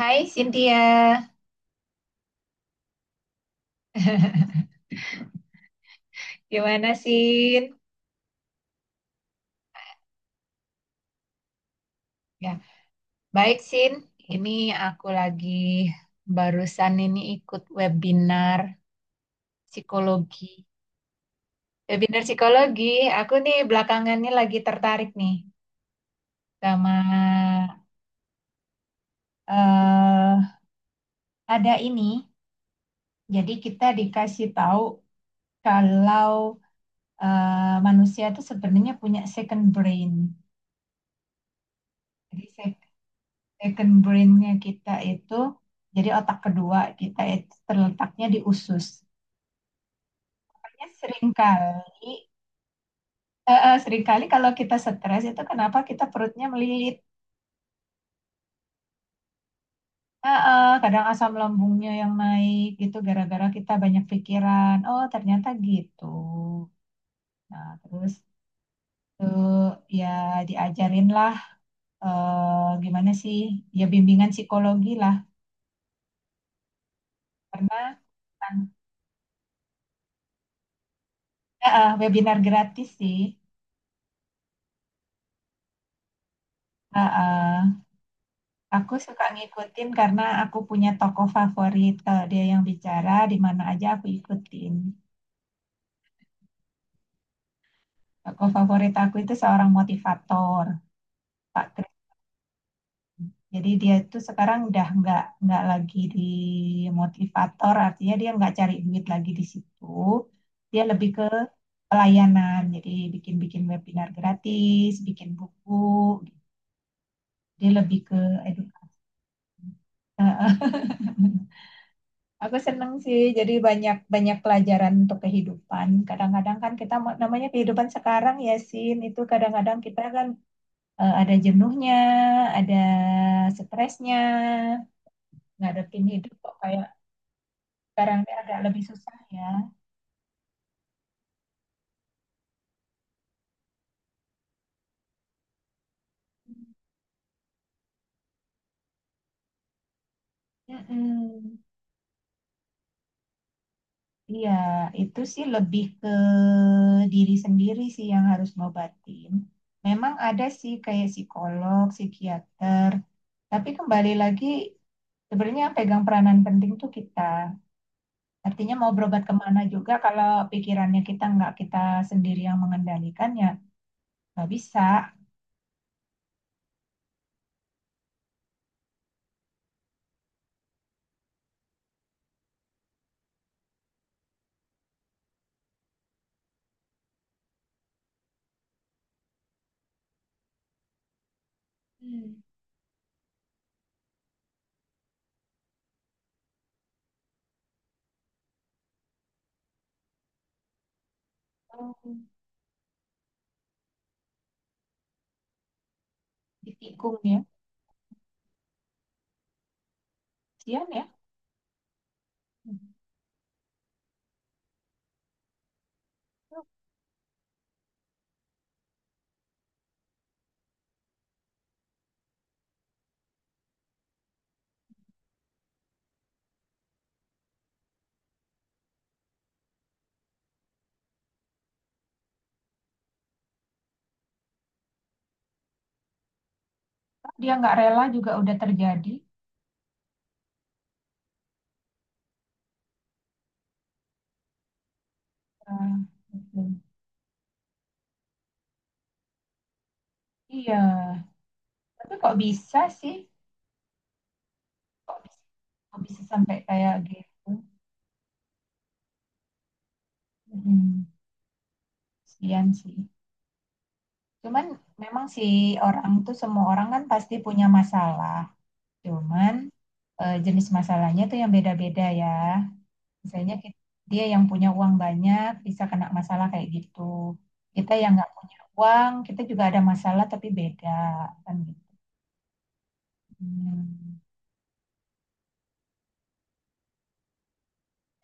Hai Cynthia, gimana Sin? Ya, baik Sin. Ini aku lagi barusan ini ikut webinar psikologi. Webinar psikologi, aku nih belakangan ini lagi tertarik nih sama eh ada ini. Jadi kita dikasih tahu kalau manusia itu sebenarnya punya second brain. Jadi second brain-nya kita itu, jadi otak kedua kita itu terletaknya di usus. Makanya seringkali kalau kita stres itu kenapa kita perutnya melilit. Kadang asam lambungnya yang naik gitu gara-gara kita banyak pikiran. Oh, ternyata gitu. Nah, terus tuh ya diajarin lah, gimana sih, ya bimbingan psikologi lah, karena webinar gratis sih. Eh, eh. Aku suka ngikutin karena aku punya tokoh favorit. Kalau dia yang bicara, di mana aja aku ikutin. Tokoh favorit aku itu seorang motivator, Pak Kris. Jadi dia itu sekarang udah nggak lagi di motivator, artinya dia nggak cari duit lagi di situ. Dia lebih ke pelayanan, jadi bikin-bikin webinar gratis, bikin buku. Dia lebih ke edukasi. eh, Aku seneng sih, jadi banyak banyak pelajaran untuk kehidupan. Kadang-kadang kan kita namanya kehidupan sekarang ya, Sin, itu kadang-kadang kita kan ada jenuhnya, ada stresnya, ngadepin hidup kok kayak sekarang ini agak lebih susah ya. Mm-mm. Iya, itu sih lebih ke diri sendiri sih yang harus ngobatin. Memang ada sih kayak psikolog, psikiater, tapi kembali lagi sebenarnya yang pegang peranan penting tuh kita. Artinya mau berobat kemana juga kalau pikirannya kita nggak kita sendiri yang mengendalikan, ya nggak bisa. Hmm. Hmm. Ditikung ya, sian ya. Hmm. Dia nggak rela juga udah terjadi. Ah, gitu. Iya, tapi kok bisa sih? Kok bisa, kok bisa sampai kayak gitu? Hmm, sian sih. Cuman memang si orang tuh, semua orang kan pasti punya masalah. Cuman jenis masalahnya tuh yang beda-beda ya. Misalnya dia yang punya uang banyak bisa kena masalah kayak gitu. Kita yang nggak punya uang, kita juga ada masalah tapi beda kan gitu. Hmm.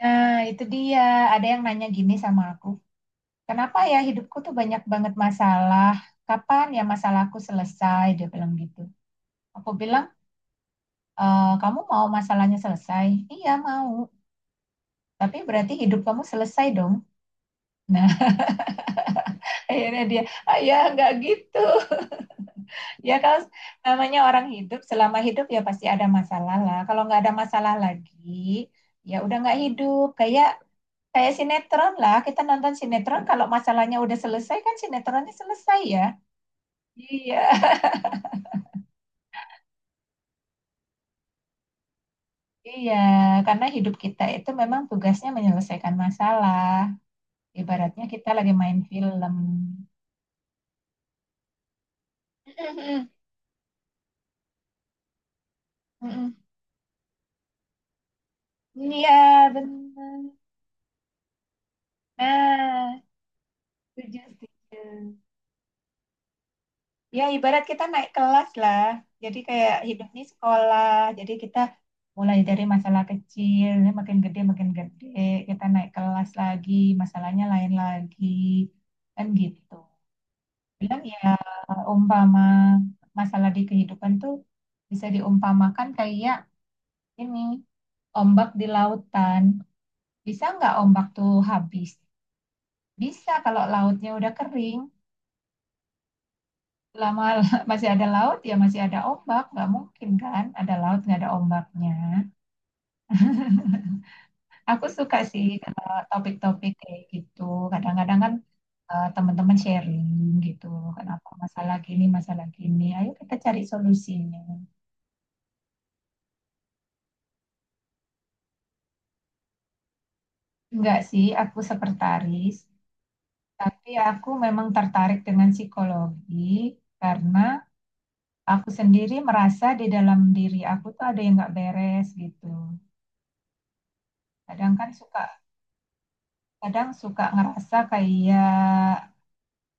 Nah, itu dia. Ada yang nanya gini sama aku. Kenapa ya hidupku tuh banyak banget masalah? Kapan ya masalahku selesai? Dia bilang gitu. Aku bilang, "Eh, kamu mau masalahnya selesai? Iya mau. Tapi berarti hidup kamu selesai dong." Nah, akhirnya dia, ah, ya nggak gitu. Ya kalau namanya orang hidup, selama hidup ya pasti ada masalah lah. Kalau nggak ada masalah lagi, ya udah nggak hidup. Kayak Kayak sinetron lah. Kita nonton sinetron, kalau masalahnya udah selesai kan sinetronnya selesai ya. Iya, iya. Karena hidup kita itu memang tugasnya menyelesaikan masalah. Ibaratnya kita lagi main film. Mm-mm. Iya, benar. Nah, setuju, setuju. Ya, ibarat kita naik kelas lah. Jadi kayak hidup ini sekolah. Jadi kita mulai dari masalah kecil, ini makin gede, makin gede. Kita naik kelas lagi, masalahnya lain lagi. Kan gitu. Bilang ya, umpama masalah di kehidupan tuh bisa diumpamakan kayak ini, ombak di lautan. Bisa nggak ombak tuh habis? Bisa kalau lautnya udah kering. Selama masih ada laut, ya masih ada ombak. Nggak mungkin kan ada laut, nggak ada ombaknya. Aku suka sih kalau topik-topik kayak gitu. Kadang-kadang kan teman-teman sharing gitu. Kenapa masalah gini, masalah gini. Ayo kita cari solusinya. Enggak sih, aku sekretaris. Tapi aku memang tertarik dengan psikologi karena aku sendiri merasa di dalam diri aku tuh ada yang nggak beres gitu. Kadang kan suka kadang suka ngerasa kayak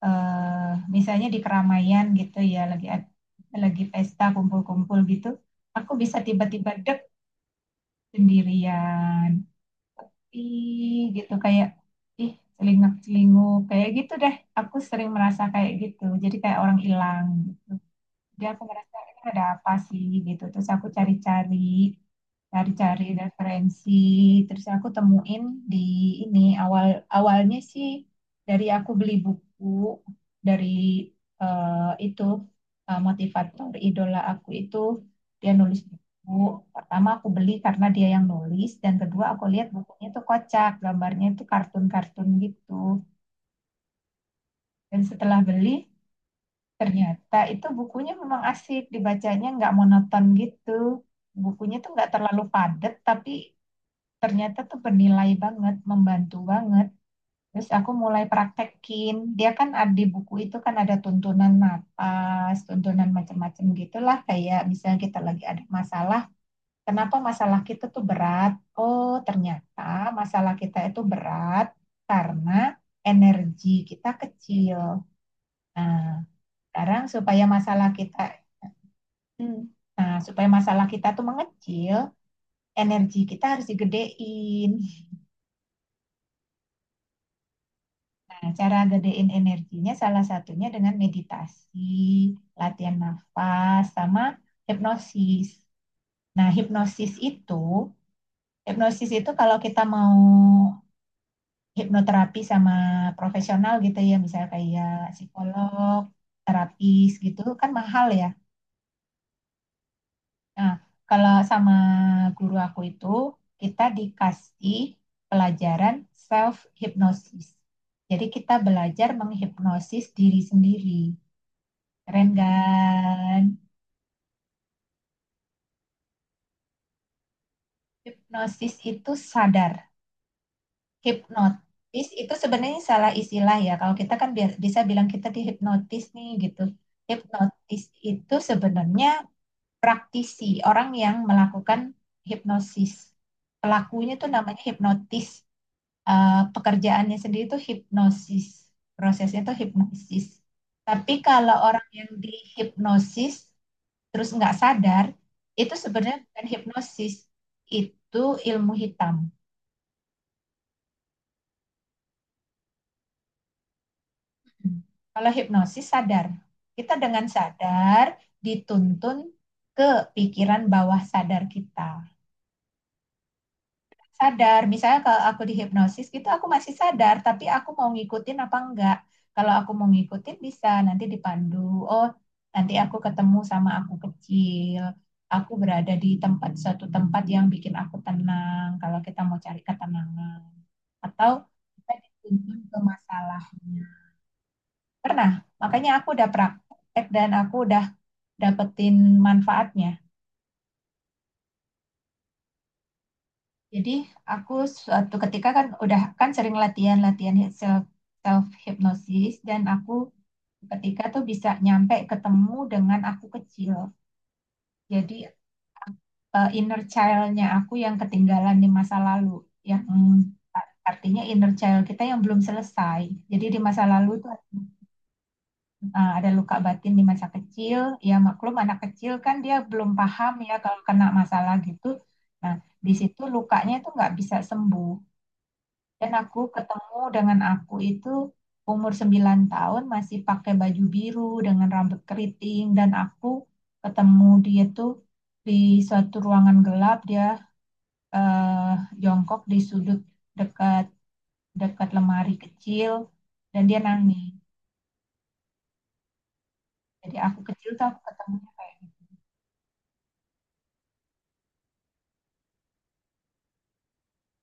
misalnya di keramaian gitu ya, lagi pesta kumpul-kumpul gitu, aku bisa tiba-tiba dek sendirian ih, gitu kayak ih celingak-celinguk kayak gitu deh, aku sering merasa kayak gitu jadi kayak orang hilang gitu dia, aku ngerasa ini ada apa sih gitu, terus aku cari-cari, referensi, terus aku temuin di ini awal, awalnya sih, dari aku beli buku dari eh, itu, motivator idola aku itu, dia nulis buku. Pertama aku beli karena dia yang nulis, dan kedua aku lihat bukunya tuh kocak, gambarnya itu kartun-kartun gitu, dan setelah beli, ternyata itu bukunya memang asik dibacanya, nggak monoton gitu. Bukunya tuh nggak terlalu padat tapi ternyata tuh bernilai banget, membantu banget. Terus aku mulai praktekin. Dia kan ada di buku itu, kan ada tuntunan napas, tuntunan macam-macam gitulah. Kayak misalnya kita lagi ada masalah, kenapa masalah kita tuh berat? Oh, ternyata masalah kita itu berat karena energi kita kecil. Nah, sekarang supaya masalah kita, hmm, nah supaya masalah kita tuh mengecil, energi kita harus digedein. Nah, cara gedein energinya salah satunya dengan meditasi, latihan nafas, sama hipnosis. Nah, hipnosis itu kalau kita mau hipnoterapi sama profesional gitu ya, misalnya kayak psikolog, terapis gitu, kan mahal ya. Nah, kalau sama guru aku itu, kita dikasih pelajaran self hipnosis. Jadi kita belajar menghipnosis diri sendiri. Keren kan? Hipnosis itu sadar. Hipnotis itu sebenarnya salah istilah ya. Kalau kita kan bisa bilang kita dihipnotis nih gitu. Hipnotis itu sebenarnya praktisi, orang yang melakukan hipnosis. Pelakunya itu namanya hipnotis. Eh, pekerjaannya sendiri itu hipnosis. Prosesnya itu hipnosis. Tapi kalau orang yang dihipnosis terus nggak sadar, itu sebenarnya bukan hipnosis, itu ilmu hitam. Kalau hipnosis sadar, kita dengan sadar dituntun ke pikiran bawah sadar kita. Sadar. Misalnya kalau aku dihipnosis gitu aku masih sadar, tapi aku mau ngikutin apa enggak. Kalau aku mau ngikutin bisa nanti dipandu. Oh, nanti aku ketemu sama aku kecil. Aku berada di tempat, suatu tempat yang bikin aku tenang kalau kita mau cari ketenangan. Atau kita dituntun ke masalahnya. Pernah, makanya aku udah praktek dan aku udah dapetin manfaatnya. Jadi aku suatu ketika kan udah kan sering latihan-latihan self self hypnosis, dan aku ketika tuh bisa nyampe ketemu dengan aku kecil. Jadi inner child-nya aku yang ketinggalan di masa lalu, yang artinya inner child kita yang belum selesai. Jadi di masa lalu tuh ada luka batin di masa kecil. Ya maklum anak kecil kan dia belum paham ya kalau kena masalah gitu. Nah, di situ lukanya itu nggak bisa sembuh. Dan aku ketemu dengan aku itu umur 9 tahun, masih pakai baju biru dengan rambut keriting, dan aku ketemu dia tuh di suatu ruangan gelap, dia eh, jongkok di sudut dekat dekat lemari kecil, dan dia nangis. Jadi aku kecil tuh aku ketemunya kayak gitu.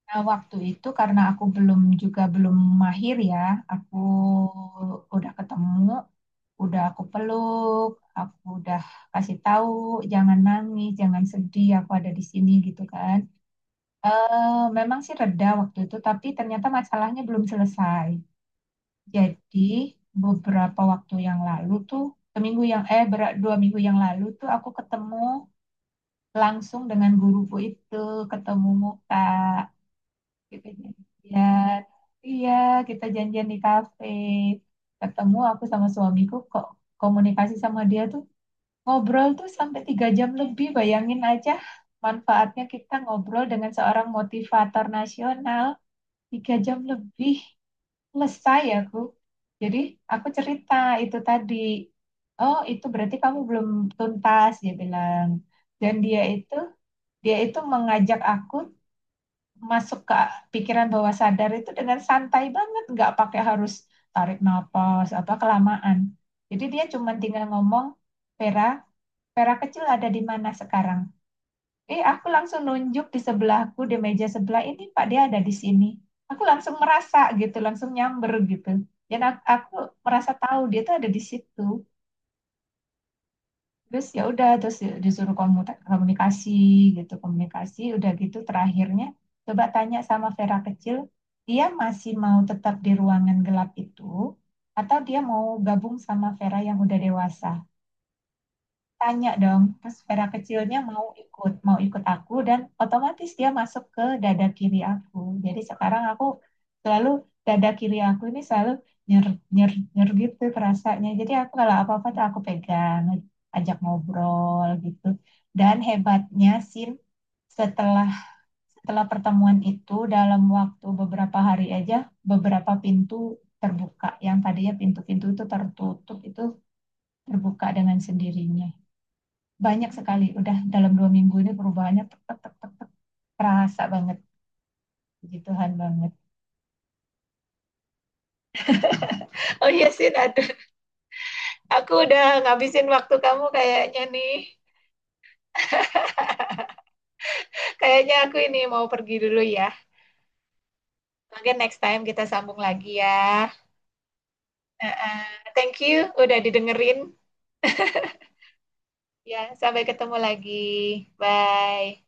Nah, waktu itu karena aku belum mahir ya, aku udah ketemu, udah aku peluk, aku udah kasih tahu jangan nangis, jangan sedih, aku ada di sini gitu kan. Eh, memang sih reda waktu itu, tapi ternyata masalahnya belum selesai. Jadi beberapa waktu yang lalu tuh, seminggu yang eh ber- 2 minggu yang lalu tuh aku ketemu langsung dengan guruku itu, ketemu muka, kita janjian, iya kita janjian di kafe, ketemu aku sama suamiku, kok komunikasi sama dia tuh. Ngobrol tuh sampai 3 jam lebih, bayangin aja manfaatnya kita ngobrol dengan seorang motivator nasional 3 jam lebih. Selesai aku. Jadi aku cerita itu tadi, oh itu berarti kamu belum tuntas dia bilang. Dan dia itu mengajak aku masuk ke pikiran bawah sadar itu dengan santai banget, nggak pakai harus tarik nafas apa kelamaan. Jadi dia cuma tinggal ngomong, Vera. Vera kecil ada di mana sekarang? Eh, aku langsung nunjuk di sebelahku, di meja sebelah ini Pak, dia ada di sini. Aku langsung merasa gitu, langsung nyamber gitu. Dan aku merasa tahu dia tuh ada di situ. Terus ya udah, terus ya disuruh komunikasi gitu, komunikasi. Udah gitu terakhirnya coba tanya sama Vera kecil, dia masih mau tetap di ruangan gelap itu atau dia mau gabung sama Vera yang udah dewasa? Tanya dong, pas Vera kecilnya mau ikut aku, dan otomatis dia masuk ke dada kiri aku. Jadi sekarang aku selalu, dada kiri aku ini selalu nyer, nyer, nyer gitu perasaannya. Jadi aku kalau apa-apa tuh aku pegang, ajak ngobrol gitu. Dan hebatnya, Sin, setelah setelah pertemuan itu dalam waktu beberapa hari aja, beberapa pintu terbuka, yang tadinya pintu-pintu itu tertutup itu terbuka dengan sendirinya banyak sekali. Udah dalam 2 minggu ini perubahannya tek, tek, tek, terasa banget. Puji Tuhan banget. Oh iya sih, aduh. Aku udah ngabisin waktu kamu kayaknya nih. Kayaknya aku ini mau pergi dulu ya. Mungkin next time kita sambung lagi ya. Eh, eh, Thank you udah didengerin. Ya, sampai ketemu lagi. Bye.